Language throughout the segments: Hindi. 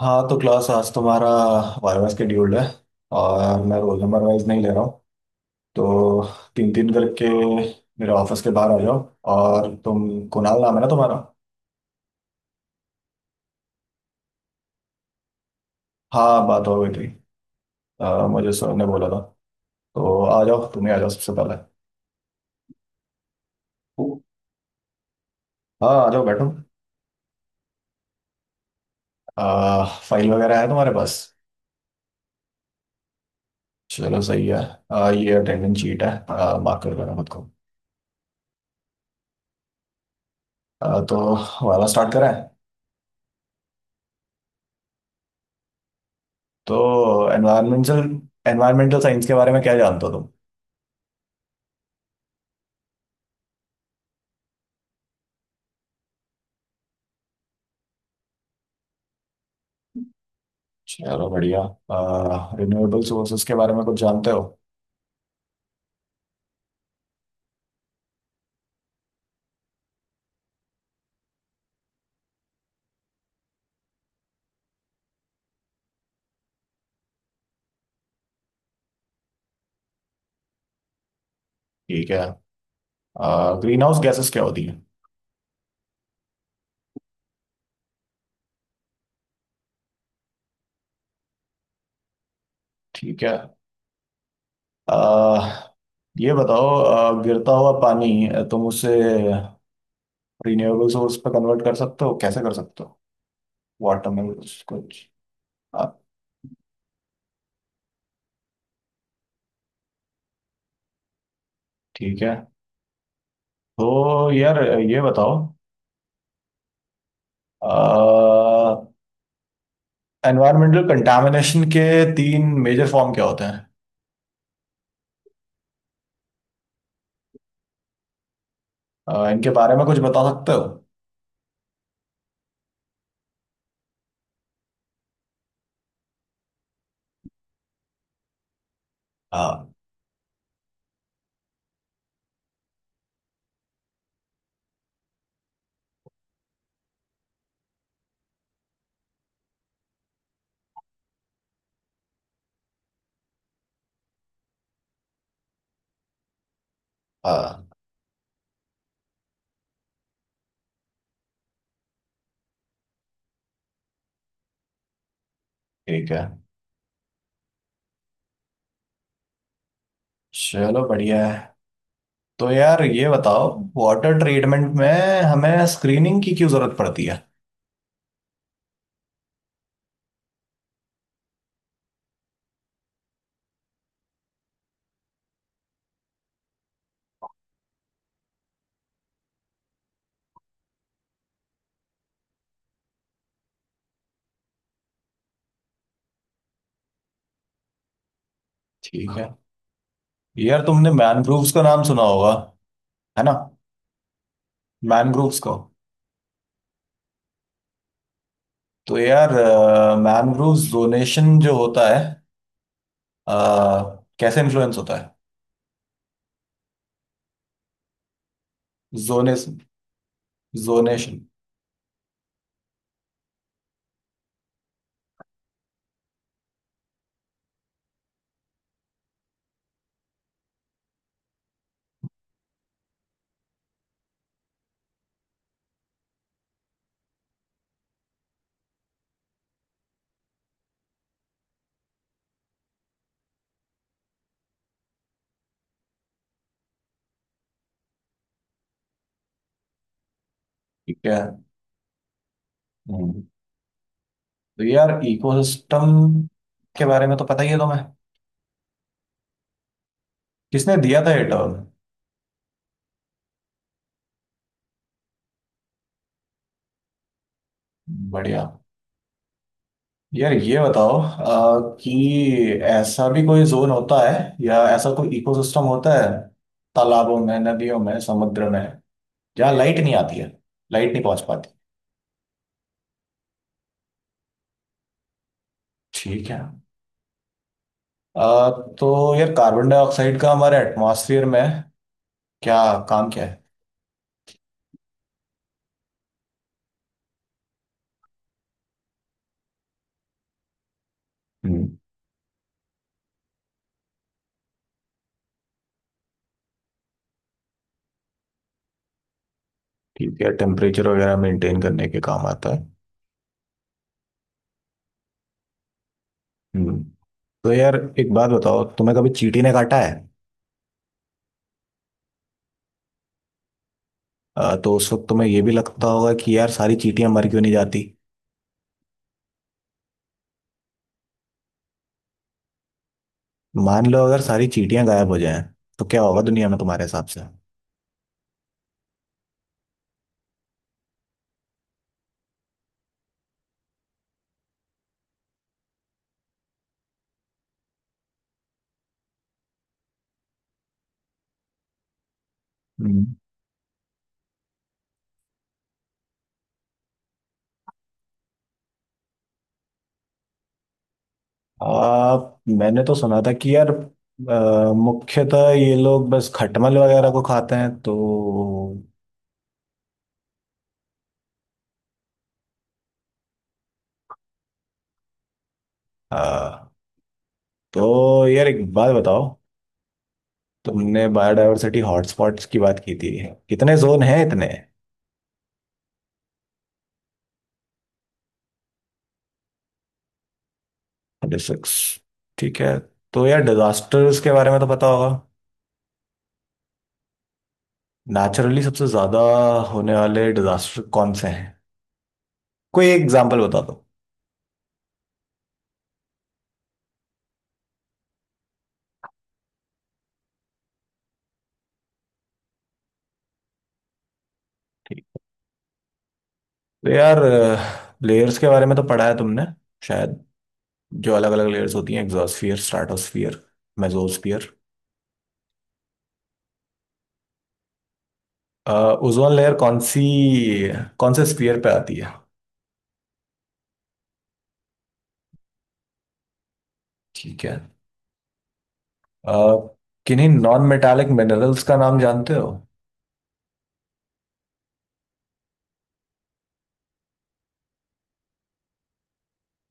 हाँ, तो क्लास आज तुम्हारा वायवा शेड्यूल्ड है। और मैं रोल नंबर वाइज नहीं ले रहा हूँ, तो तीन तीन करके मेरे ऑफिस के बाहर आ जाओ। और तुम, कुणाल नाम है ना तुम्हारा? हाँ, बात हो गई थी। मुझे सर ने बोला था। तो आ जाओ, तुम ही आ जाओ सबसे पहले। हाँ, आ जाओ, बैठो। फाइल वगैरह है तुम्हारे पास? चलो, सही है। ये अटेंडेंस शीट है। मार्क कर देना खुद को। तो वाला स्टार्ट करें? तो एनवायरमेंटल एनवायरमेंटल साइंस के बारे में क्या जानते हो तुम? चलो, बढ़िया। रिन्यूएबल सोर्सेज के बारे में कुछ जानते हो? ठीक है। ग्रीन हाउस गैसेस क्या होती है? ठीक है। अह, ये बताओ, गिरता हुआ पानी, तुम उसे रिन्यूएबल सोर्स पे कन्वर्ट कर सकते हो, कैसे कर सकते हो? वाटर में कुछ कुछ। हाँ, ठीक है। तो यार, ये बताओ, एनवायरमेंटल कंटामिनेशन के तीन मेजर फॉर्म क्या होते हैं? इनके बारे में कुछ बता सकते हो? हाँ, हाँ, ठीक है। चलो, बढ़िया है। तो यार, ये बताओ, वाटर ट्रीटमेंट में हमें स्क्रीनिंग की क्यों जरूरत पड़ती है? ठीक है। यार, तुमने मैनग्रोव्स का नाम सुना होगा, है ना? मैनग्रोव्स को। तो यार, मैनग्रोव्स जोनेशन जो होता है, अ, कैसे इन्फ्लुएंस होता है? जोनेस जोनेशन ठीक है। हम्म। तो यार, इकोसिस्टम के बारे में तो पता ही है तुम्हें। किसने दिया था ये टर्म? बढ़िया। यार, ये बताओ, कि ऐसा भी कोई जोन होता है, या ऐसा कोई इकोसिस्टम होता है, तालाबों में, नदियों में, समुद्र में, जहाँ लाइट नहीं आती है, लाइट नहीं पहुंच पाती? ठीक है। अ, तो यार, कार्बन डाइऑक्साइड का हमारे एटमॉस्फेयर में क्या काम क्या है? हम्म। ठीक है, टेम्परेचर वगैरह मेंटेन करने के काम आता है। हम्म। तो यार, एक बात बताओ, तुम्हें कभी चींटी ने काटा है? तो उस वक्त तुम्हें ये भी लगता होगा कि यार, सारी चींटियां मर क्यों नहीं जाती? मान लो अगर सारी चींटियां गायब हो जाएं, तो क्या होगा दुनिया में, तुम्हारे हिसाब से? हम्म। आ, मैंने तो सुना था कि यार, मुख्यतः ये लोग बस खटमल वगैरह को खाते हैं तो। आ, तो यार, एक बात बताओ, तुमने बायोडायवर्सिटी हॉटस्पॉट्स की बात की थी, कितने जोन हैं इतने? सिक्स। ठीक है। तो यार, डिजास्टर्स के बारे में तो पता होगा। नेचुरली सबसे ज्यादा होने वाले डिजास्टर कौन से हैं? कोई एग्जांपल बता दो। तो यार, लेयर्स के बारे में तो पढ़ा है तुमने, शायद। जो अलग अलग लेयर्स होती हैं, exosphere, stratosphere, mesosphere. Ozone layer कौन सी, कौन से स्फीयर पे आती है? ठीक है। अ, किन्हीं नॉन मेटालिक मिनरल्स का नाम जानते हो?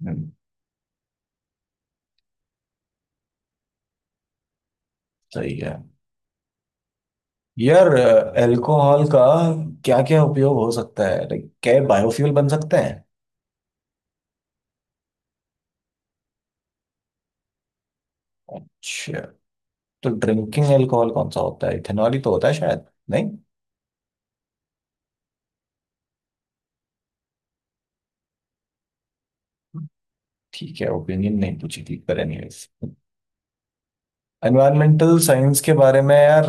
हम्म, सही है। यार, अल्कोहल का क्या क्या उपयोग हो सकता है, लाइक क्या बायोफ्यूल बन सकते हैं? अच्छा, तो ड्रिंकिंग अल्कोहल कौन सा होता है, इथेनॉल ही तो होता है शायद? नहीं। ठीक है, ओपिनियन नहीं पूछी थी, पर एनीवेज। एनवायरमेंटल साइंस के बारे में यार,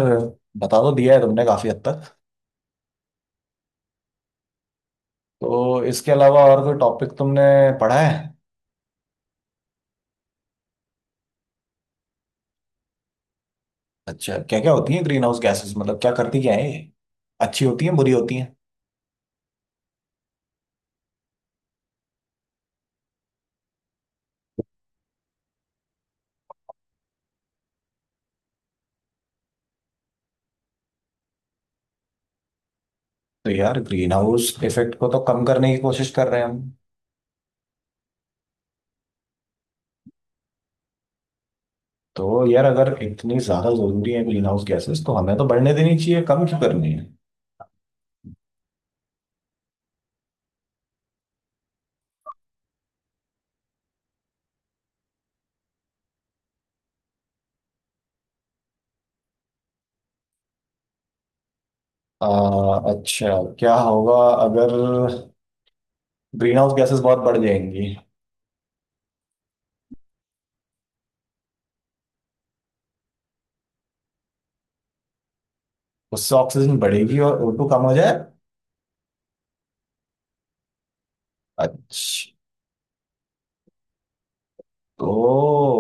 बता तो दिया है तुमने काफी हद तक। तो इसके अलावा और कोई टॉपिक तुमने पढ़ा है? अच्छा, क्या क्या होती है ग्रीन हाउस गैसेस, मतलब क्या करती क्या है ये? अच्छी होती है, बुरी होती है? तो यार, ग्रीन हाउस इफेक्ट को तो कम करने की कोशिश कर रहे हैं हम। तो यार, अगर इतनी ज्यादा जरूरी है ग्रीन हाउस गैसेस, तो हमें तो बढ़ने देनी चाहिए, कम क्यों करनी है? आ, अच्छा, क्या होगा अगर ग्रीन हाउस गैसेस बहुत बढ़ जाएंगी? उससे ऑक्सीजन बढ़ेगी और ओ2 कम हो जाए? अच्छा, ओ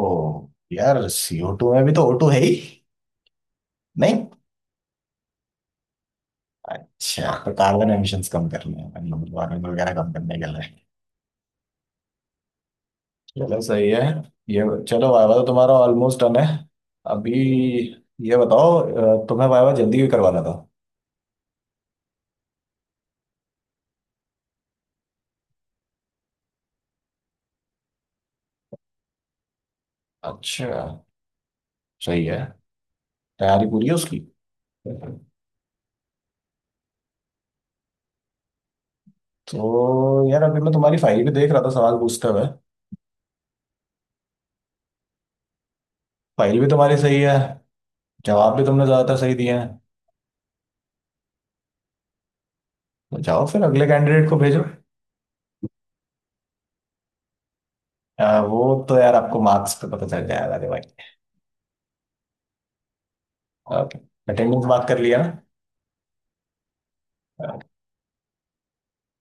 यार, सीओ टू में भी तो O2 है ही नहीं? अच्छा, तो कार्बन एमिशंस कम करने हैं, वार्मिंग वगैरह कम करने के लिए। चलो, सही है। ये, चलो वाइवा तो तुम्हारा ऑलमोस्ट डन है। अभी ये बताओ, तुम्हें वाइवा जल्दी भी करवाना था? अच्छा, सही है। तैयारी पूरी है उसकी? तो यार, अभी मैं तुम्हारी फाइल भी देख रहा था सवाल पूछते हुए। फाइल भी तुम्हारी सही है, जवाब भी तुमने ज्यादातर सही दिए हैं। तो जाओ फिर, अगले कैंडिडेट को भेजो। वो तो यार, आपको मार्क्स पे पता चल जाएगा, अरे भाई। अटेंडेंस बात कर लिया ना?